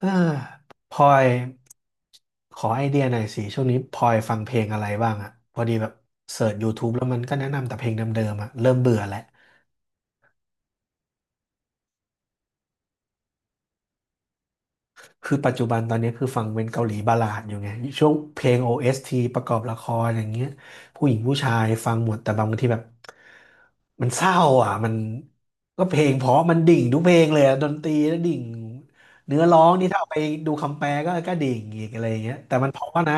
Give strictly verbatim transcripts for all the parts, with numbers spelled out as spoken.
เออพลอยขอไอเดียหน่อยสิช่วงนี้พลอยฟังเพลงอะไรบ้างอะพอดีแบบเสิร์ช YouTube แล้วมันก็แนะนำแต่เพลงเดิมๆอะเริ่มเบื่อแล้ว คือปัจจุบันตอนนี้คือฟังเป็นเกาหลีบัลลาดอยู่ไงช่วงเพลง โอ เอส ที ประกอบละครอย่างเงี้ยผู้หญิงผู้ชายฟังหมดแต่บางทีแบบมันเศร้าอ่ะมันก็เพลงเพราะมันดิ่งทุกเพลงเลยอะดนตรีแล้วดิ่งเนื้อร้องนี่ถ้าเอาไปดูคำแปลก็ก็ดิ่งอีกอะไรอย่างเงี้ยแต่มันเพราะนะ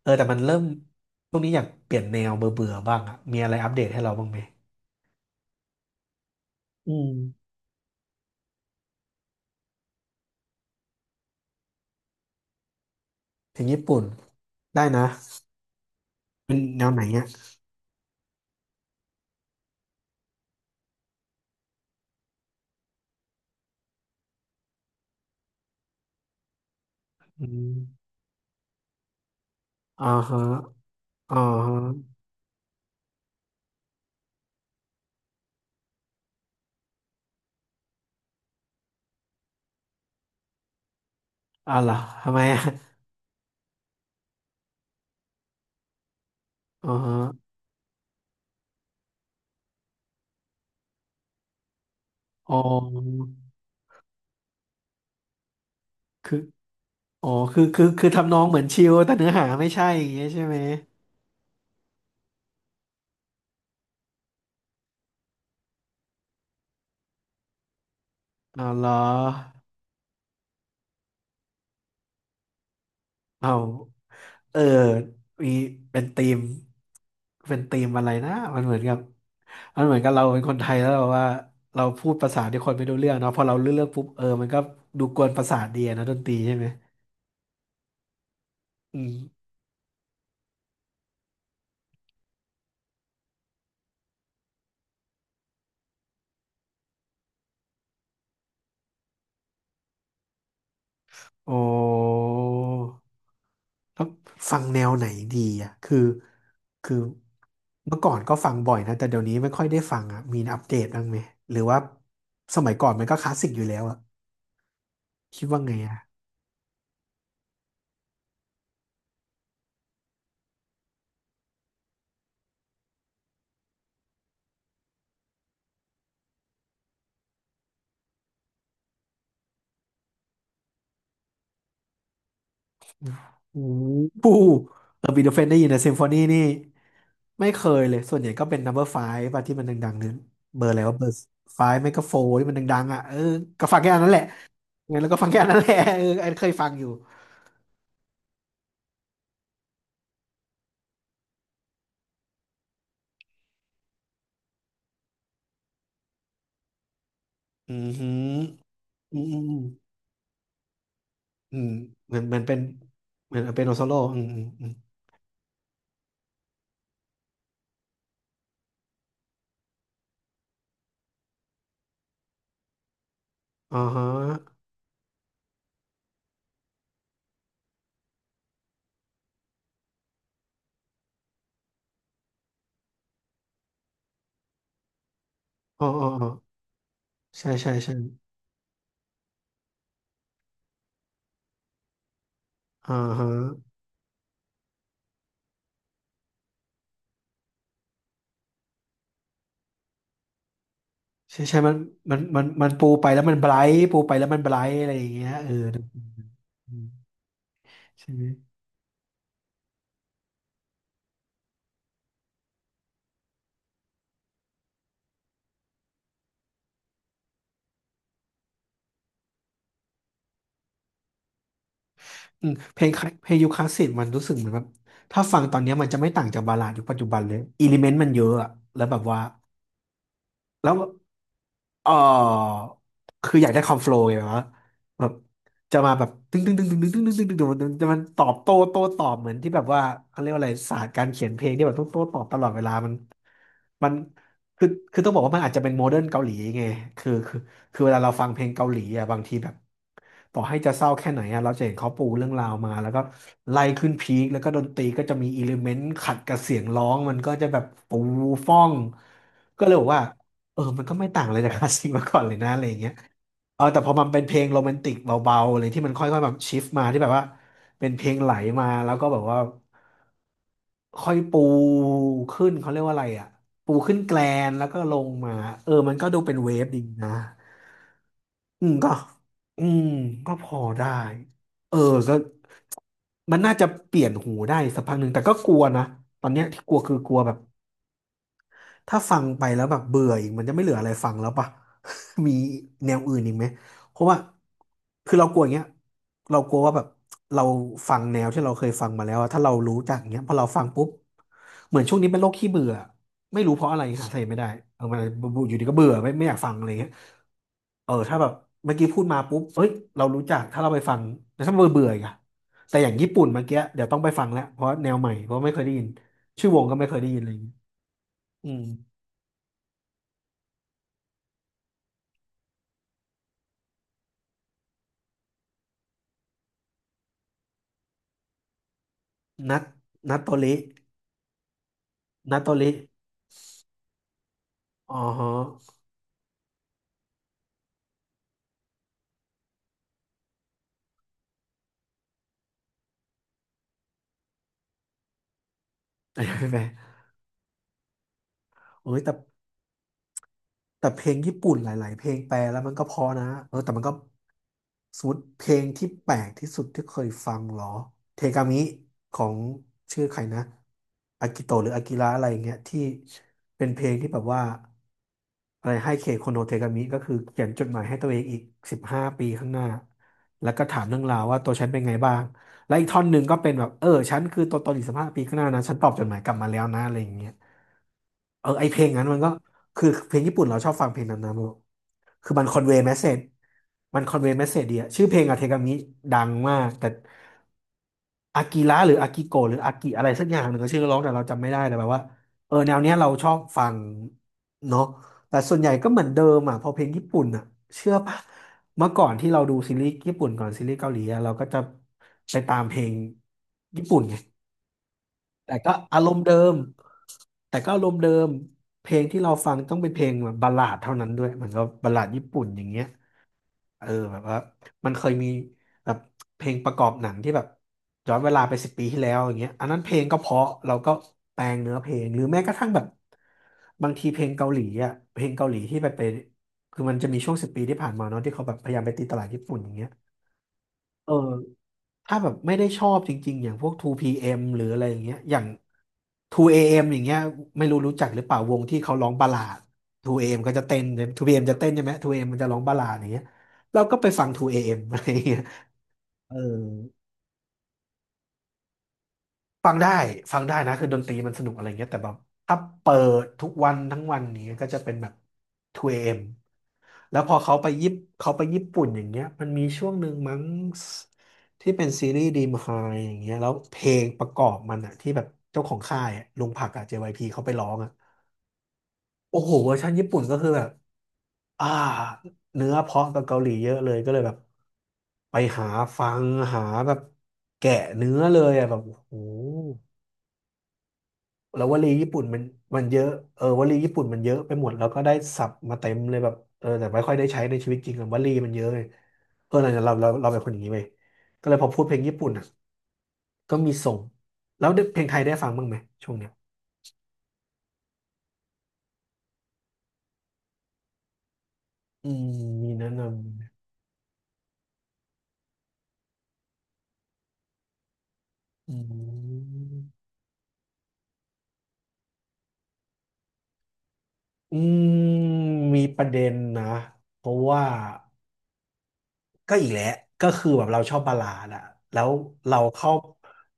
เออแต่มันเริ่มช่วงนี้อยากเปลี่ยนแนวเบื่อเบื่อบ้างอ่ะมีอะไรอัปเดตให้เราบ้างไหมอืมเพลงญี่ปุ่นได้นะเป็นแนวไหนเนี่ยอืมอ่าฮะอ่าฮะ อ้าวเหรอทำไมอ่ะอ๋ออ๋อคืออ๋อคือคือคือทำนองเหมือนชิลแต่เนื้อหาไม่ใช่อย่างเงี้ยใช่ไหมอ้าวเหรออ้าวเออมีเป็นธีมเป็นธีมอะไรนะมันเหมือนกับมันเหมือนกับเราเป็นคนไทยแล้วเราว่าเราพูดภาษาที่คนไม่รู้เรื่องเนาะพอเราเลือกเลือกปุ๊บเออมันก็ดูกวนประสาทดีอะนะดนตรีใช่ไหมอืมโอ้ แล้วฟังแนวไหนดีอ่ะคือคือเมื่อก่อนก็ฟังบ่อยนะแต่เดี๋ยวนี้ไม่ค่อยได้ฟังอ่ะมีอัปเดตบ้างไหมหรือว่าสมัยก่อนมันก็คลาสสิกอยู่แล้วอ่ะคิดว่าไงอ่ะโอ้โหเออบีโธเฟนได้ยินนะซิมโฟนีนี่ไม่เคยเลยส่วนใหญ่ก็เป็น number five ป่ะที่มันดังๆนึงเบอร์อะไรวาเบอร์ f ฟ v e ไม่ก็โฟร์ที่มันดังๆอ่ะเออก็ฟังแค่อันนั้นแหละงั้นแล้วก็ฟังแค่อันนั้นแหละ เอออันเคยฟังอยู่อืมอหืออืมอืมอืมอืมเหมือนเหมือนเป็นเหมือนเป็นโอโซโล่อืมอืม อ่าฮะอ๋อ อ๋อ อ๋อ ใช่ใช่ใช่อ่าฮะใช่ใช่มันมันมันมันปูไปแล้วมันไบรท์ปูไปแล้วมันไบรท์อะไรอย่างเงี้ยเออ อืมใช่ไหมอืมเพลงคลาเพลงยุคคลาสสิกมันรู้สึกเหมือนแบบ ถ้าฟังตอนเนี้ยมันจะไม่ต่างจากบัลลาดยุคปัจจุบันเลยอิเลเมนต์มันเยอะอะ แล้วแบบว่าแล้ว เออคืออยากได้คอมโฟลว์ไงวะแบบจะมาแบบตึ้งตึ้งตึ้งตึ้งตึ้งตึ้งตึ้งตึ้งตึ้งึงจะมันตอบโต้โต้ตอบเหมือนที่แบบว่าเขาเรียกว่าอะไรศาสตร์การเขียนเพลงที่แบบต้องโต้ตอบตลอดเวลามันมันคือคือต้องบอกว่ามันอาจจะเป็นโมเดิร์นเกาหลีไงคือคือคือเวลาเราฟังเพลงเกาหลีอ่ะบางทีแบบต่อให้จะเศร้าแค่ไหนอ่ะเราจะเห็นเขาปูเรื่องราวมาแล้วก็ไล่ขึ้นพีคแล้วก็ดนตรีก็จะมีอิเลเมนต์ขัดกับเสียงร้องมันก็จะแบบปูฟ่องก็เลยบอกว่า เออมันก็ไม่ต่างอะไรจาก คลาสสิกมาก่อนเลยนะอะไรอย่างเงี้ยเออแต่พอมันเป็นเพลงโรแมนติกเบาๆเลยที่มันค่อยๆแบบชิฟมาที่แบบว่าเป็นเพลงไหลมาแล้วก็แบบว่าค่อยปูขึ้นเขาเรียกว่าอะไรอ่ะปูขึ้นแกลนแล้วก็ลงมาเออมันก็ดูเป็นเวฟดีนะอืมก็อืมก็พอได้เออก็มันน่าจะเปลี่ยนหูได้สักพักหนึ่งแต่ก็กลัวนะตอนเนี้ยที่กลัวคือกลัวแบบ ถ้าฟังไปแล้วแบบเบื่ออีกมันจะไม่เหลืออะไรฟังแล้วป่ะ มีแนวอื่นอีกไหมเพราะว่า คือเรากลัวอย่างเงี้ยเรากลัวว่าแบบเราฟังแนวที่เราเคยฟังมาแล้วอะถ้าเรารู้จักอย่างเงี้ยพอเราฟังปุ๊บเหมือนช่วงนี้เป็นโรคขี้เบื่อไม่รู้เพราะอะไรหาสาเหตุไม่ได้เออมันอยู่ดีก็เบื่อไม่ไม่อยากฟังอะไรเงี้ยเออถ้าแบบเมื่อกี้พูดมาปุ๊บเอ้ยเรารู้จักถ้าเราไปฟังแต่ถ้าเบื่อเบื่ออีกอะแต่อย่างญี่ปุ่นเมื่อกี้เดี๋ยวต้องไปฟังแล้วเพราะแนวใหม่เพราะไม่เคยได้ยินชื่อวงก็ไม่เคยได้ยินอะไรอย่างเงี้ยอืม นัดนัดโตรินัดโตริอ๋อฮะ ใช่ไหมโอ้ยแต่ แต่เพลงญี่ปุ่นหลายๆเพลงแปลแล้วมันก็เพอนะเออแต่มันก็สมมติเพลงที่แปลกที่สุดที่เคยฟังเหรอเทกามิของชื่อใครนะอากิโตะหรืออากิระอะไรอย่างเงี้ยที่เป็นเพลงที่แบบว่าอะไรให้เคโคโนเทกามิก็คือเขียนจดหมายให้ตัวเองอีกสิบห้าปีข้างหน้าแล้วก็ถามเรื่องราวว่าตัวฉันเป็นไงบ้างและอีกท่อนหนึ่งก็เป็นแบบเออฉันคือตัวตนอีกสิบห้าปีข้างหน้านะฉันตอบจดหมายกลับมาแล้วนะอะไรอย่างเงี้ยเออไอเพลงนั้นมันก็ คือเพลงญี่ปุ่นเราชอบฟังเพลงนั้นนะโมคือมันคอนเวย์แมสเซจมันคอนเวย์แมสเซจดีอะชื่อเพลงอะเทกามิดังมาก แต่อากิระหรืออากิโกะหรืออากิอะไรสักอย่างหนึ่งก็ชื่อร้องแต่เราจำไม่ได้แต่แบบว่าเออแนวเนี้ยเราชอบฟังเนาะแต่ส่วนใหญ่ก็เหมือนเดิมอะพอเพลงญี่ปุ่นอะเชื่อปะเมื่อก่อนที่เราดูซีรีส์ญี่ปุ่นก่อนซีรีส์เกาหลีอะเราก็จะไปตามเพลงญี่ปุ่นไง แต่ก็อารมณ์เดิมแต่ก็อารมณ์เดิมเพลงที่เราฟังต้องเป็นเพลงแบบบัลลาดเท่านั้นด้วยเหมือนกับบัลลาดญี่ปุ่นอย่างเงี้ยเออแบบว่ามันเคยมีแบบเพลงประกอบหนังที่แบบย้อนเวลาไปสิบปีที่แล้วอย่างเงี้ยอันนั้นเพลงก็เพราะเราก็แปลงเนื้อเพลงหรือแม้กระทั่งแบบบางทีเพลงเกาหลีอ่ะเพลงเกาหลีที่ไปไปคือมันจะมีช่วงสิบปีที่ผ่านมาเนาะที่เขาแบบพยายามไปตีตลาดญี่ปุ่นอย่างเงี้ยเออ ถ้าแบบไม่ได้ชอบจริงๆอย่างพวก ทู พี เอ็ม หรืออะไรอย่างเงี้ยอย่าง ทู เอ เอ็ม อเอ็มอย่างเงี้ยไม่รู้รู้จักหรือเปล่าวงที่เขาร้องบัลลาด ทู เอ เอ็ม ก็จะเต้น ทู พี เอ็ม จะเต้นใช่ไหม ทู เอ เอ็ม มมันจะร้องบัลลาดอย่างเงี้ยเราก็ไปฟัง ทู เอ เอ็ม อเอ็มอะไรอย่างเงี้ยเออ ฟังได้ฟังได้นะคือดนตรีมันสนุกอะไรเงี้ยแต่แบบถ้าเปิดทุกวันทั้งวันนี้ยก็จะเป็นแบบทู เอ เอ็ม แล้วพอเขาไปยิปเขาไปญี่ปุ่นอย่างเงี้ยมันมีช่วงหนึ่งมั้งที่เป็นซีรีส์ดีมไฮอย่างเงี้ยแล้วเพลงประกอบมันอะที่แบบเจ้าของค่ายอะลุงผักอะ เจ วาย พี เขาไปร้องอะโอ้โหเวอร์ชันญี่ปุ่นก็คือแบบอ่าเนื้อเพราะกับเกาหลีเยอะเลยก็เลยแบบไปหาฟังหาแบบแกะเนื้อเลยอะแบบโอ้โห แล้ววลีญี่ปุ่นมันมันเยอะเออวลีญี่ปุ่นมันเยอะไปหมดแล้วก็ได้ศัพท์มาเต็มเลยแบบเออแต่ไม่ค่อยได้ใช้ในชีวิตจริงอะวลีมันเยอะไงเออเราเราเราเราเป็นคนอย่างนี้ไปก็เลยพอพูดเพลงญี่ปุ่นอ่ะก็มีส่งแล้วได้เพลงไทยได้ฟังบ้างไหมช่วงเนี้ยอืมมีแนะนำไหมอืมอืมมีประเด็นนะเพราะว่าก็อีกแหละก็คือแบบเราชอบบัลลาดอะแล้วเราเข้า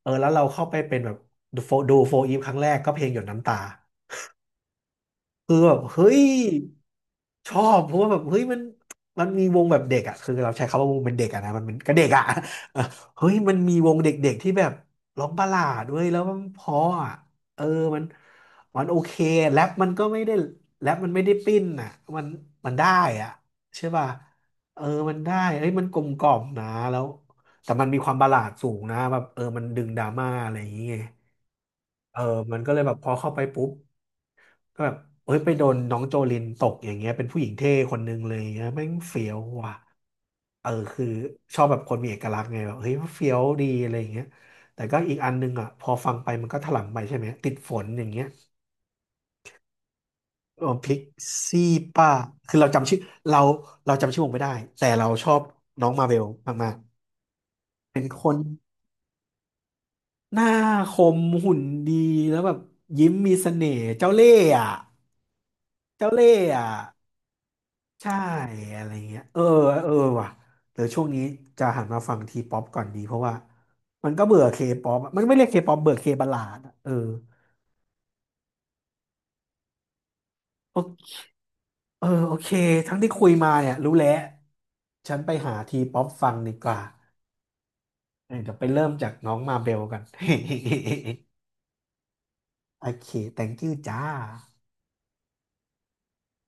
เออแล้วเราเข้าไปเป็นแบบดูโฟดูโฟอีฟครั้งแรกก็เพลงหยดน้ำตา คือแบบเฮ้ยชอบเพราะว่าแบบเฮ้ยมันมันมีวงแบบเด็กอ่ะคือเราใช้คำว่าวงเป็นเด็กอ่ะนะมันเป็นก็เด็กอ่ะ เออเฮ้ยมันมีวงเด็กๆที่แบบร้องบัลลาดด้วยแล้วมันเพราะอ่ะเออมันมันโอเคแรปมันก็ไม่ได้แรปมันไม่ได้ปิ้นอ่ะมันมันได้อ่ะใช่ป่ะเออมันได้เฮ้ยมันกลมกล่อมนะแล้วแต่มันมีความบัลลาดสูงนะแบบเออมันดึงดราม่าอะไรอย่างเงี้ยเออมันก็เลยแบบพอเข้าไปปุ๊บ ก็แบบเอ้ยไปโดนน้องโจลินตกอย่างเงี้ยเป็นผู้หญิงเท่คนนึงเลยอย่างเงี้ยแม่งเฟี้ยวว่ะเออคือชอบแบบคนมีเอกลักษณ์ไงแบบเฮ้ยเฟี้ยวดีอะไรอย่างเงี้ยแต่ก็อีกอันนึงอ่ะพอฟังไปมันก็ถลำไปใช่ไหมติดฝนอย่างเงี้ยเออพิกซี่ป้าคือเราจำชื่อเราเราจำชื่อวงไม่ได้แต่เราชอบน้องมาเวลมากๆเป็นคนหน้าคมหุ่นดีแล้วแบบยิ้มมีเสน่ห์เจ้าเล่ห์อ่ะเจ้าเล่ห์อ่ะ ใช่อะไรเงี้ยเออเออว่ะเดี๋ยวช่วงนี้จะหันมาฟังทีป๊อปก่อนดีเพราะว่ามันก็เบื่อเคป๊อปมันไม่เรียกเคป๊อปเบื่อเคบัลลาดอะเออโอเออโอเคทั้งที่คุยมาเนี่ยรู้แล้วฉันไปหาทีป๊อปฟังดีกว่าเออเดี๋ยวไปเริ่มจากน้องมาเบลกัน โอเค thank you จ้า